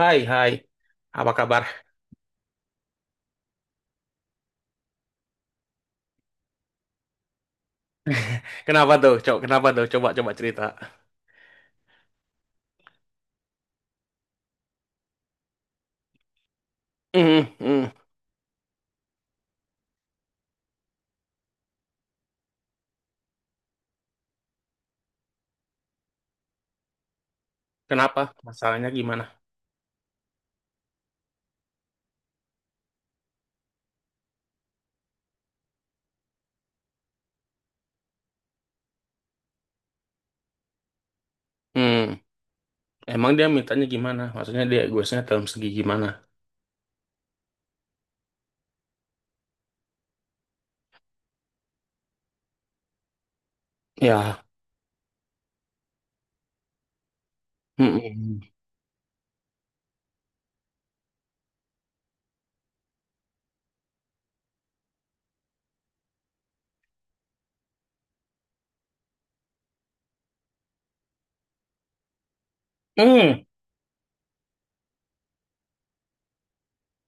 Hai, hai. Apa kabar? Kenapa tuh, Cok? Kenapa tuh? Coba, coba cerita. Hmm, hmm. Kenapa? Masalahnya gimana? Hmm, emang dia mintanya gimana? Maksudnya dia egoisnya dalam segi gimana? Ya, hmm. Hmm, hmm,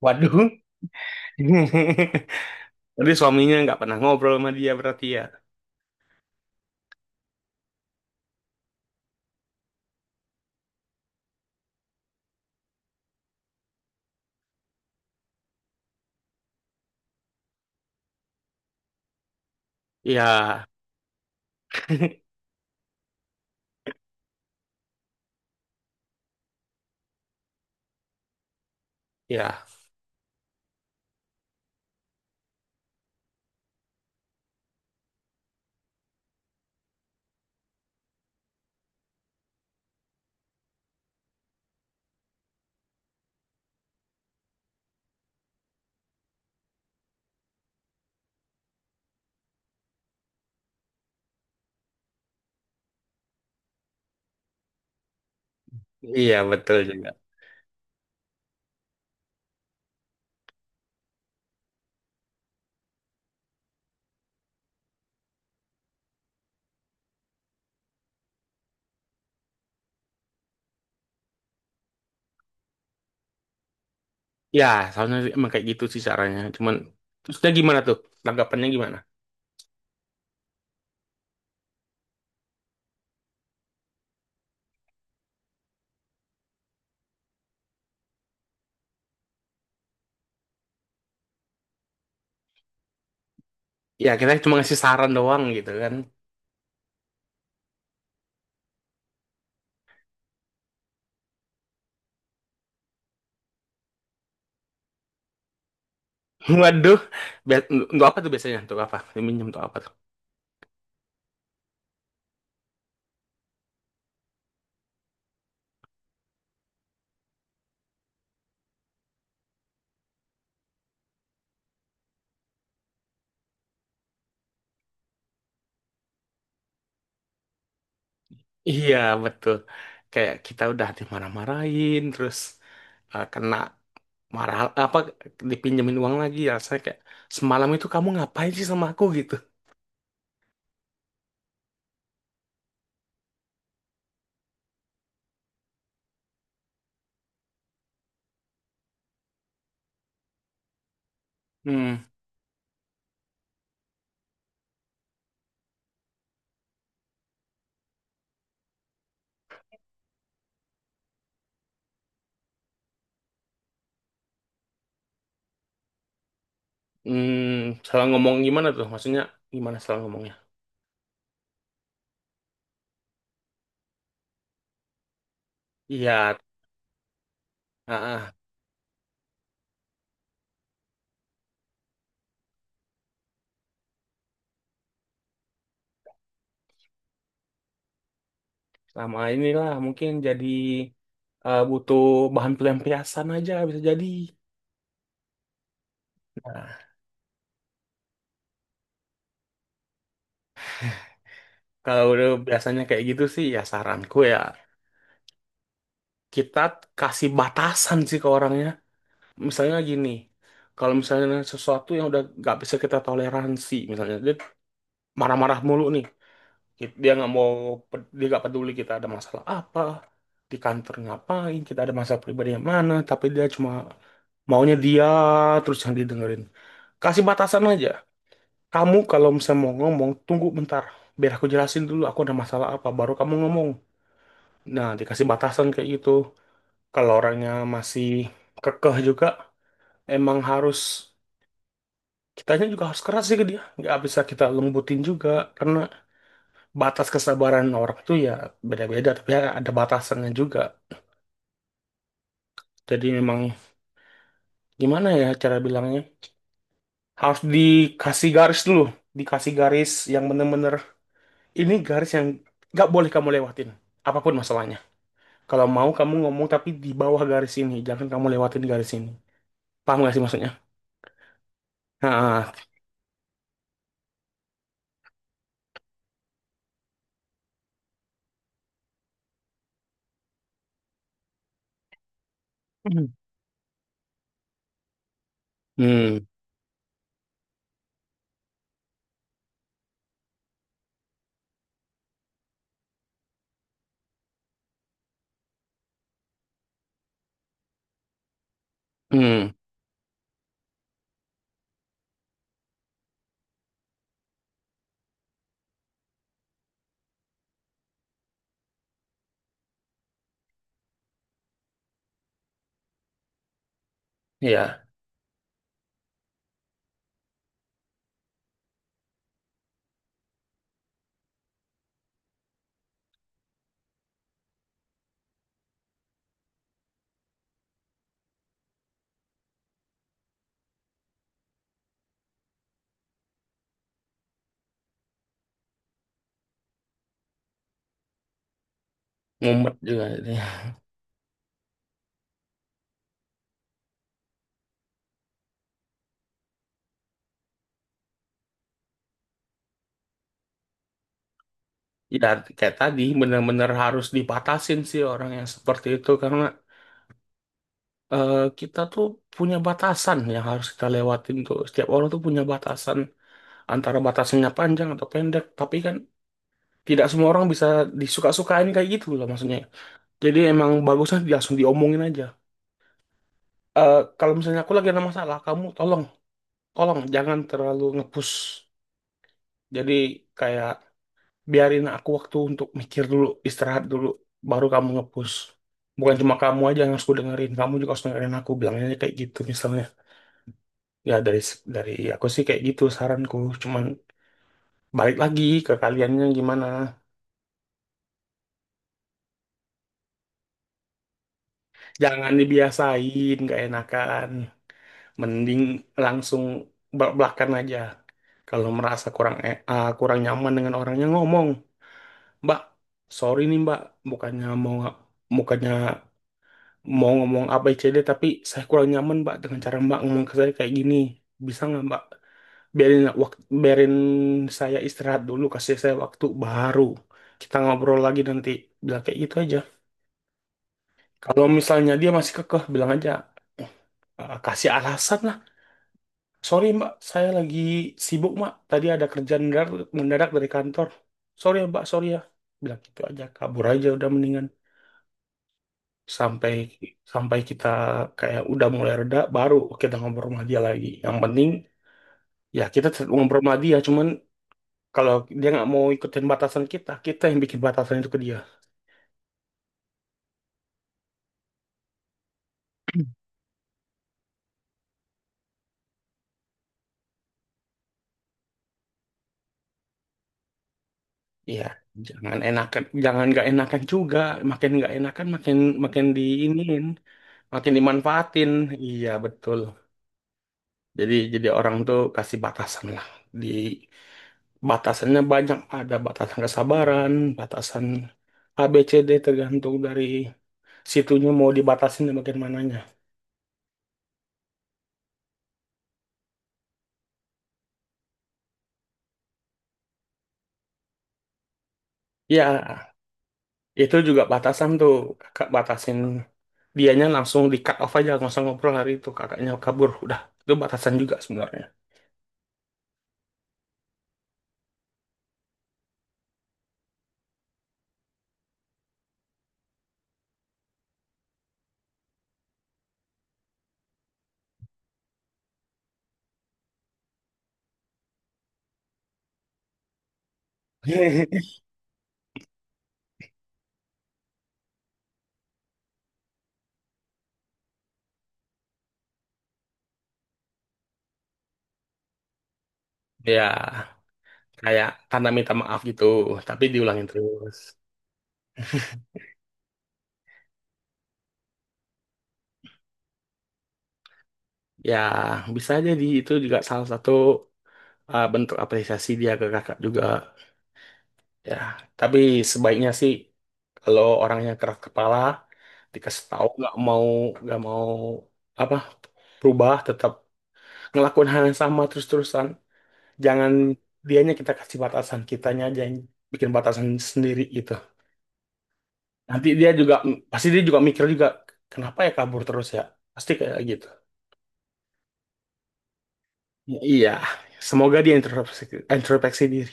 waduh. Jadi suaminya nggak pernah ngobrol sama dia berarti ya? Ya, ya. Iya, betul juga. Ya, soalnya emang kayak gitu sih caranya. Cuman, terusnya gimana tuh? Tanggapannya gimana? Ya, kita cuma ngasih saran doang gitu kan. Waduh, Bia- untuk apa tuh biasanya? Untuk apa? Minjem untuk apa tuh? Iya, betul. Kayak kita udah dimarah-marahin, terus kena marah apa dipinjemin uang lagi. Rasanya kayak semalam itu kamu ngapain sih sama aku gitu. Hmm, hmm, salah ngomong gimana tuh? Maksudnya gimana salah ngomongnya? Iya, ah, ah, sama inilah mungkin jadi butuh bahan pelampiasan aja bisa jadi. Nah, kalau udah biasanya kayak gitu sih, ya saranku ya kita kasih batasan sih ke orangnya. Misalnya gini, kalau misalnya sesuatu yang udah nggak bisa kita toleransi, misalnya dia marah-marah mulu nih, dia nggak mau, dia nggak peduli kita ada masalah apa, di kantor ngapain, kita ada masalah pribadi yang mana, tapi dia cuma maunya dia terus yang didengerin. Kasih batasan aja. Kamu kalau misalnya mau ngomong, tunggu bentar. Biar aku jelasin dulu aku ada masalah apa, baru kamu ngomong. Nah, dikasih batasan kayak gitu. Kalau orangnya masih kekeh juga, emang harus kitanya juga harus keras sih ke dia, nggak bisa kita lembutin juga, karena batas kesabaran orang itu ya beda-beda, tapi ya ada batasannya juga. Jadi memang gimana ya cara bilangnya, harus dikasih garis dulu, dikasih garis yang bener-bener. Ini garis yang nggak boleh kamu lewatin apapun masalahnya. Kalau mau kamu ngomong tapi di bawah garis ini, jangan kamu lewatin garis ini. Paham gak sih maksudnya? Nah. Hmm, hmm, hmm, ya. Mumet juga ini. Ya kayak tadi bener-bener harus dibatasin sih orang yang seperti itu, karena kita tuh punya batasan yang harus kita lewatin tuh. Setiap orang tuh punya batasan, antara batasannya panjang atau pendek. Tapi kan tidak semua orang bisa disuka-sukain kayak gitu loh maksudnya. Jadi emang bagusnya langsung diomongin aja. Eh, kalau misalnya aku lagi ada masalah, kamu tolong, tolong jangan terlalu ngepush. Jadi kayak biarin aku waktu untuk mikir dulu, istirahat dulu, baru kamu ngepush. Bukan cuma kamu aja yang harus ku dengerin, kamu juga harus dengerin aku, bilangnya kayak gitu misalnya. Ya dari aku sih kayak gitu saranku, cuman balik lagi ke kaliannya gimana. Jangan dibiasain, gak enakan. Mending langsung belak-belakan aja. Kalau merasa kurang kurang nyaman dengan orangnya, ngomong, Mbak, sorry nih Mbak, bukannya mau bukannya mau ngomong ABCD tapi saya kurang nyaman Mbak dengan cara Mbak ngomong ke saya kayak gini. Bisa nggak Mbak biarin waktu, biarin saya istirahat dulu, kasih saya waktu baru kita ngobrol lagi nanti. Bilang kayak gitu aja. Kalau misalnya dia masih kekeh, bilang aja, "Eh, kasih alasan lah. Sorry Mbak, saya lagi sibuk Mbak. Tadi ada kerjaan mendadak, mendadak dari kantor. Sorry ya Mbak, sorry ya." Bilang gitu aja, kabur aja udah mendingan. Sampai sampai kita kayak udah mulai reda baru kita ngobrol sama dia lagi, yang penting ya kita tetap ngobrol sama dia, cuman kalau dia nggak mau ikutin batasan kita kita yang bikin batasan itu ke dia. Iya, jangan enakan, jangan nggak enakan juga, makin nggak enakan makin makin diinin, makin dimanfaatin. Iya betul. Jadi orang tuh kasih batasan lah di. Batasannya banyak, ada batasan kesabaran, batasan ABCD, tergantung dari situnya mau dibatasin dan bagaimananya. Ya, itu juga batasan tuh, kakak batasin, dianya langsung di cut off aja, nggak usah ngobrol hari itu, kakaknya kabur, udah. Itu batasan juga sebenarnya. Ya, kayak tanda minta maaf gitu, tapi diulangin terus. Ya, bisa jadi itu juga salah satu bentuk apresiasi dia ke kakak juga. Ya, tapi sebaiknya sih kalau orangnya keras kepala, dikasih tahu nggak mau apa berubah, tetap ngelakuin hal yang sama terus-terusan. Jangan dianya kita kasih batasan, kitanya aja yang bikin batasan sendiri gitu. Nanti dia juga pasti dia juga mikir juga, kenapa ya kabur terus ya? Pasti kayak gitu. Ya, iya, semoga dia introspeksi, introspeksi diri.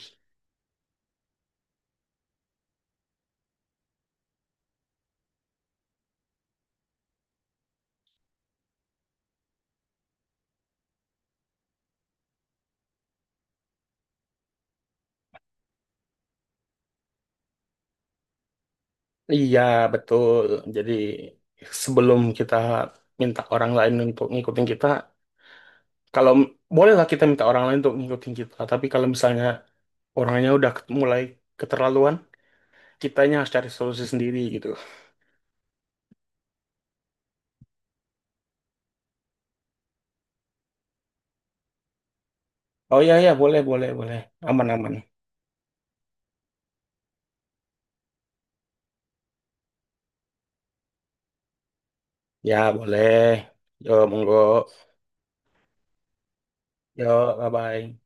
Iya, betul. Jadi sebelum kita minta orang lain untuk ngikutin kita, kalau bolehlah kita minta orang lain untuk ngikutin kita, tapi kalau misalnya orangnya udah mulai keterlaluan, kitanya harus cari solusi sendiri gitu. Oh iya iya boleh boleh boleh. Aman aman. Ya boleh. Yo monggo. Yo bye bye.